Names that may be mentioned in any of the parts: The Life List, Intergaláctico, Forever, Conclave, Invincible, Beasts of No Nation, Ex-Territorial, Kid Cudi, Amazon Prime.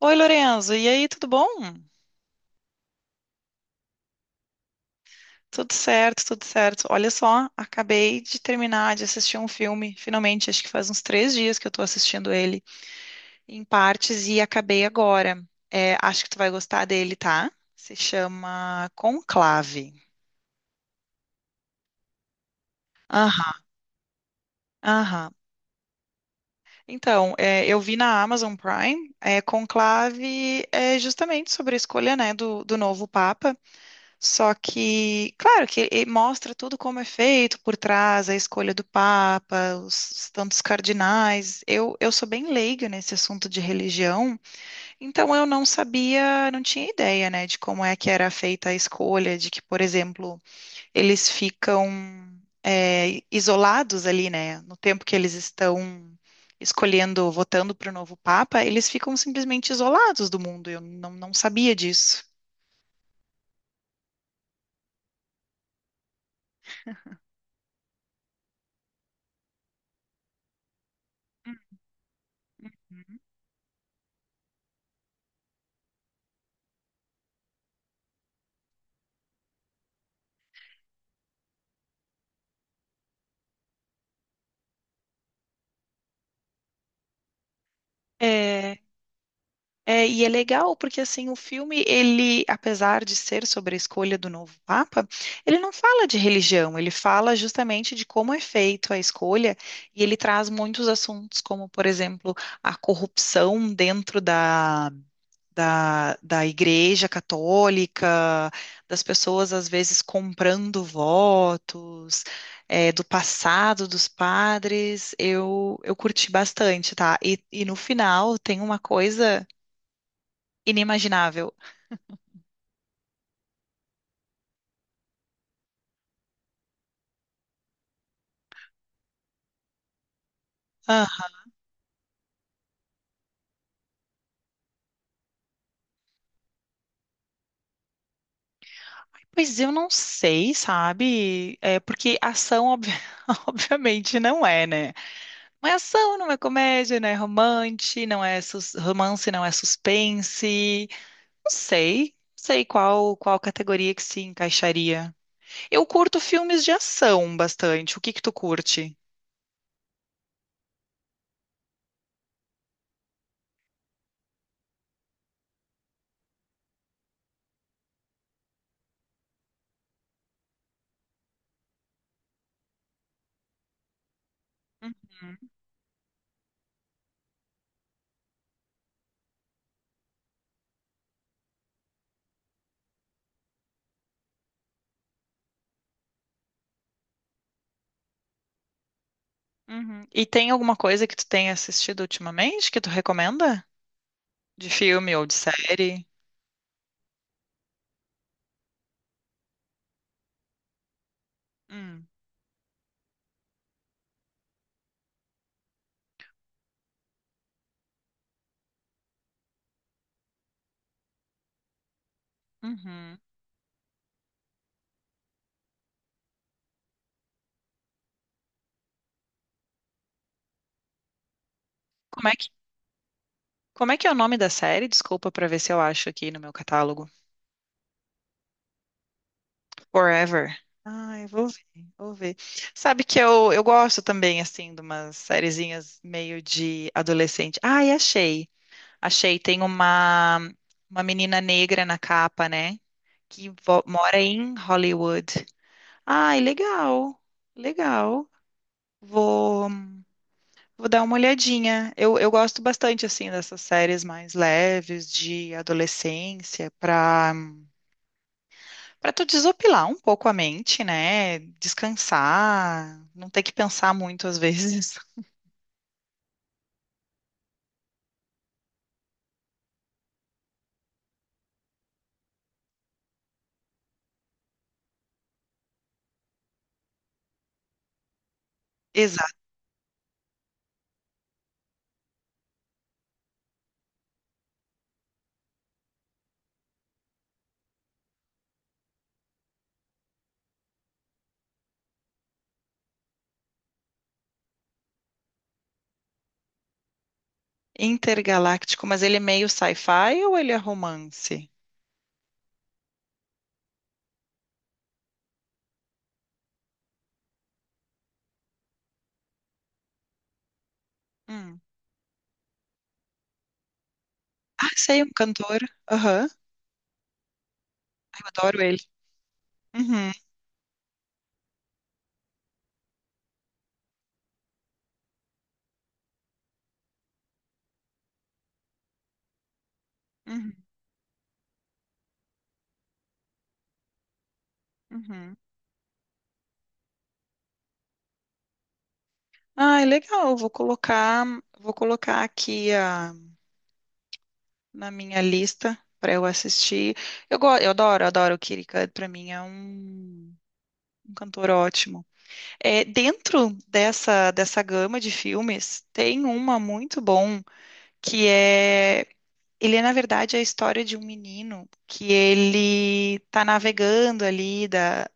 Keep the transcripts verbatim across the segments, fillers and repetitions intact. Oi, Lorenzo, e aí, tudo bom? Tudo certo, tudo certo. Olha só, acabei de terminar de assistir um filme, finalmente, acho que faz uns três dias que eu tô assistindo ele em partes e acabei agora. É, acho que tu vai gostar dele, tá? Se chama Conclave. Aham, aham. Então, é, eu vi na Amazon Prime, é, Conclave é justamente sobre a escolha, né, do, do novo Papa. Só que, claro, que ele mostra tudo como é feito por trás, a escolha do Papa, os os tantos cardinais. Eu, eu sou bem leiga nesse assunto de religião, então eu não sabia, não tinha ideia, né, de como é que era feita a escolha, de que, por exemplo, eles ficam é, isolados ali, né, no tempo que eles estão escolhendo, votando para o novo Papa, eles ficam simplesmente isolados do mundo. Eu não, não sabia disso. É, é, e é legal porque assim o filme ele, apesar de ser sobre a escolha do novo papa, ele não fala de religião, ele fala justamente de como é feito a escolha e ele traz muitos assuntos como, por exemplo, a corrupção dentro da da, da Igreja Católica, das pessoas às vezes comprando votos, é, do passado dos padres, eu, eu curti bastante, tá? E, e no final tem uma coisa inimaginável. Ah, pois eu não sei, sabe? É porque ação, obvi- obviamente, não é, né? Não é ação, não é comédia, não é romance, não é sus- romance, não é suspense. Não sei. Não sei qual qual categoria que se encaixaria. Eu curto filmes de ação bastante. O que que tu curte? Uhum. E tem alguma coisa que tu tenha assistido ultimamente que tu recomenda? De filme ou de série? Hum. Uhum. Como é que Como é que é o nome da série? Desculpa pra ver se eu acho aqui no meu catálogo. Forever. Ah, eu vou ver, vou ver. Sabe que eu, eu gosto também, assim, de umas sériezinhas meio de adolescente. Ai, achei. Achei. Tem uma, uma menina negra na capa, né? Que vo- mora em Hollywood. Ai, legal. Legal. Vou, vou dar uma olhadinha. Eu, eu gosto bastante, assim, dessas séries mais leves de adolescência pra para tu desopilar um pouco a mente, né? Descansar, não ter que pensar muito às vezes. Exato. Intergaláctico, mas ele é meio sci-fi ou ele é romance? Hum. Ah, sei, um cantor. Aham, eu adoro ele. Uhum, uhum, uhum. Ah, legal. Vou colocar, vou colocar aqui ah, na minha lista para eu assistir. Eu, go- eu adoro, adoro o Kid Cudi. Para mim é um, um cantor ótimo. É, dentro dessa, dessa gama de filmes, tem uma muito bom que é. Ele é, na verdade, a história de um menino que ele tá navegando ali da,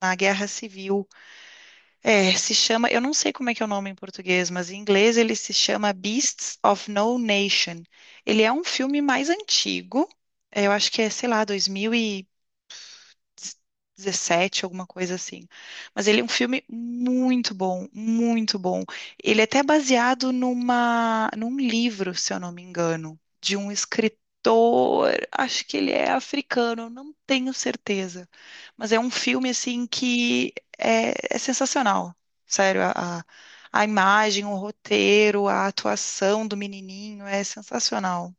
na Guerra Civil. É, se chama, eu não sei como é que é o nome em português, mas em inglês ele se chama Beasts of No Nation. Ele é um filme mais antigo, é, eu acho que é, sei lá, dois mil e dezessete alguma coisa assim. Mas ele é um filme muito bom, muito bom. Ele é até baseado numa, num livro, se eu não me engano, de um escritor, acho que ele é africano, eu não tenho certeza. Mas é um filme, assim, que é, é sensacional. Sério, a, a a imagem, o roteiro, a atuação do menininho é sensacional.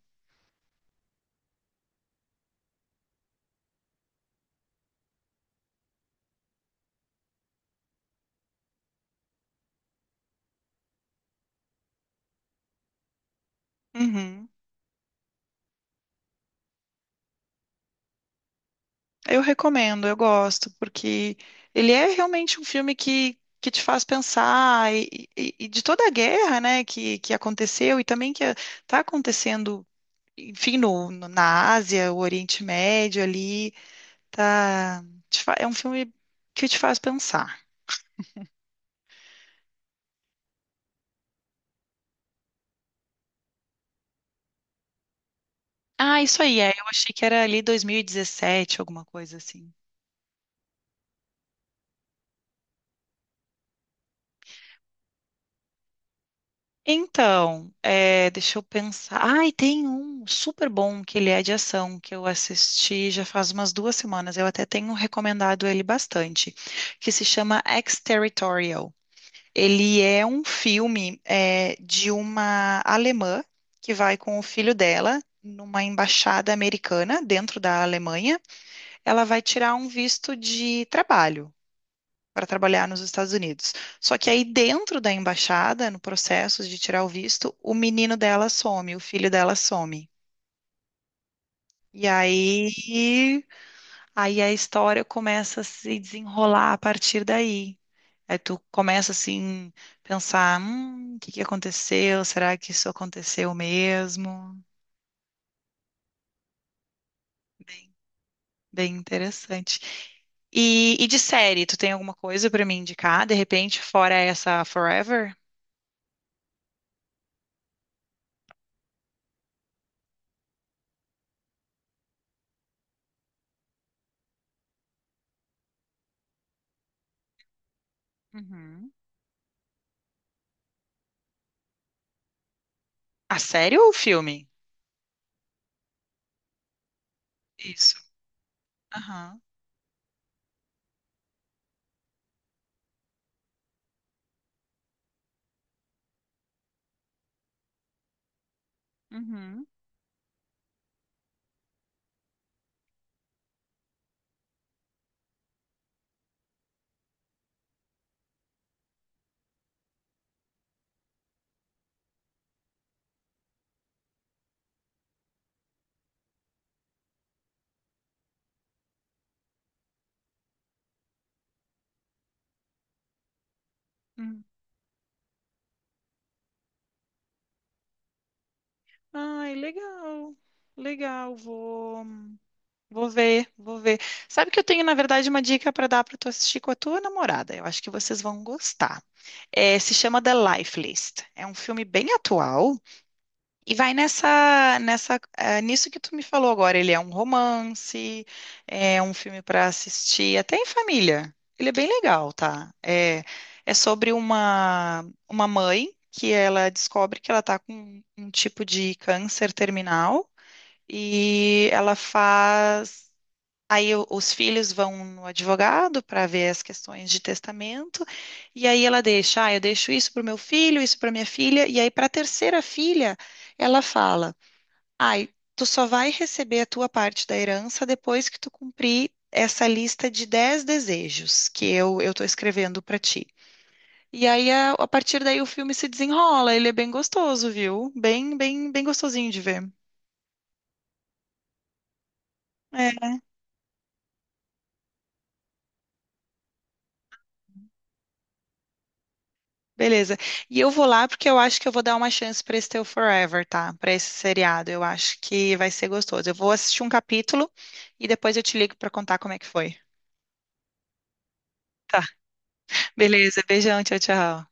Uhum. Eu recomendo, eu gosto, porque ele é realmente um filme que, que te faz pensar e, e- e de toda a guerra, né, que, que aconteceu e também que está acontecendo, enfim, no, no- na Ásia, o Oriente Médio ali, tá, te fa- é um filme que te faz pensar. Ah, isso aí, é, eu achei que era ali dois mil e dezessete, alguma coisa assim. Então, é, deixa eu pensar. Ai, tem um super bom que ele é de ação, que eu assisti já faz umas duas semanas. Eu até tenho recomendado ele bastante, que se chama Ex-Territorial. Ele é um filme é, de uma alemã que vai com o filho dela numa embaixada americana dentro da Alemanha. Ela vai tirar um visto de trabalho para trabalhar nos Estados Unidos. Só que aí dentro da embaixada, no processo de tirar o visto, o menino dela some, o filho dela some. E aí, aí a história começa a se desenrolar a partir daí. Aí tu começa assim pensar, hum, o que que aconteceu? Será que isso aconteceu mesmo? Bem interessante. E, e de série, tu tem alguma coisa para me indicar? De repente, fora essa Forever? Uhum. A série ou o filme? Isso. Aham. Uhum. Hum. Ai, legal. Legal, vou vou ver, vou ver. Sabe que eu tenho, na verdade, uma dica para dar para tu assistir com a tua namorada. Eu acho que vocês vão gostar. É, se chama The Life List. É um filme bem atual, e vai nessa, nessa, eh, nisso que tu me falou agora. Ele é um romance, é um filme para assistir, até em família. Ele é bem legal, tá? É, é sobre uma, uma mãe que ela descobre que ela tá com um tipo de câncer terminal e ela faz. Aí o- os filhos vão no advogado para ver as questões de testamento, e aí ela deixa, ah, eu deixo isso para o meu filho, isso para minha filha, e aí para a terceira filha, ela fala, ai, tu só vai receber a tua parte da herança depois que tu cumprir essa lista de dez desejos que eu eu estou escrevendo para ti. E aí a, a partir daí o filme se desenrola, ele é bem gostoso, viu? Bem, bem, bem gostosinho de ver. É. Beleza. E eu vou lá porque eu acho que eu vou dar uma chance para esse teu Forever, tá? Para esse seriado. Eu acho que vai ser gostoso. Eu vou assistir um capítulo e depois eu te ligo para contar como é que foi. Tá. Beleza. Beijão. Tchau, tchau.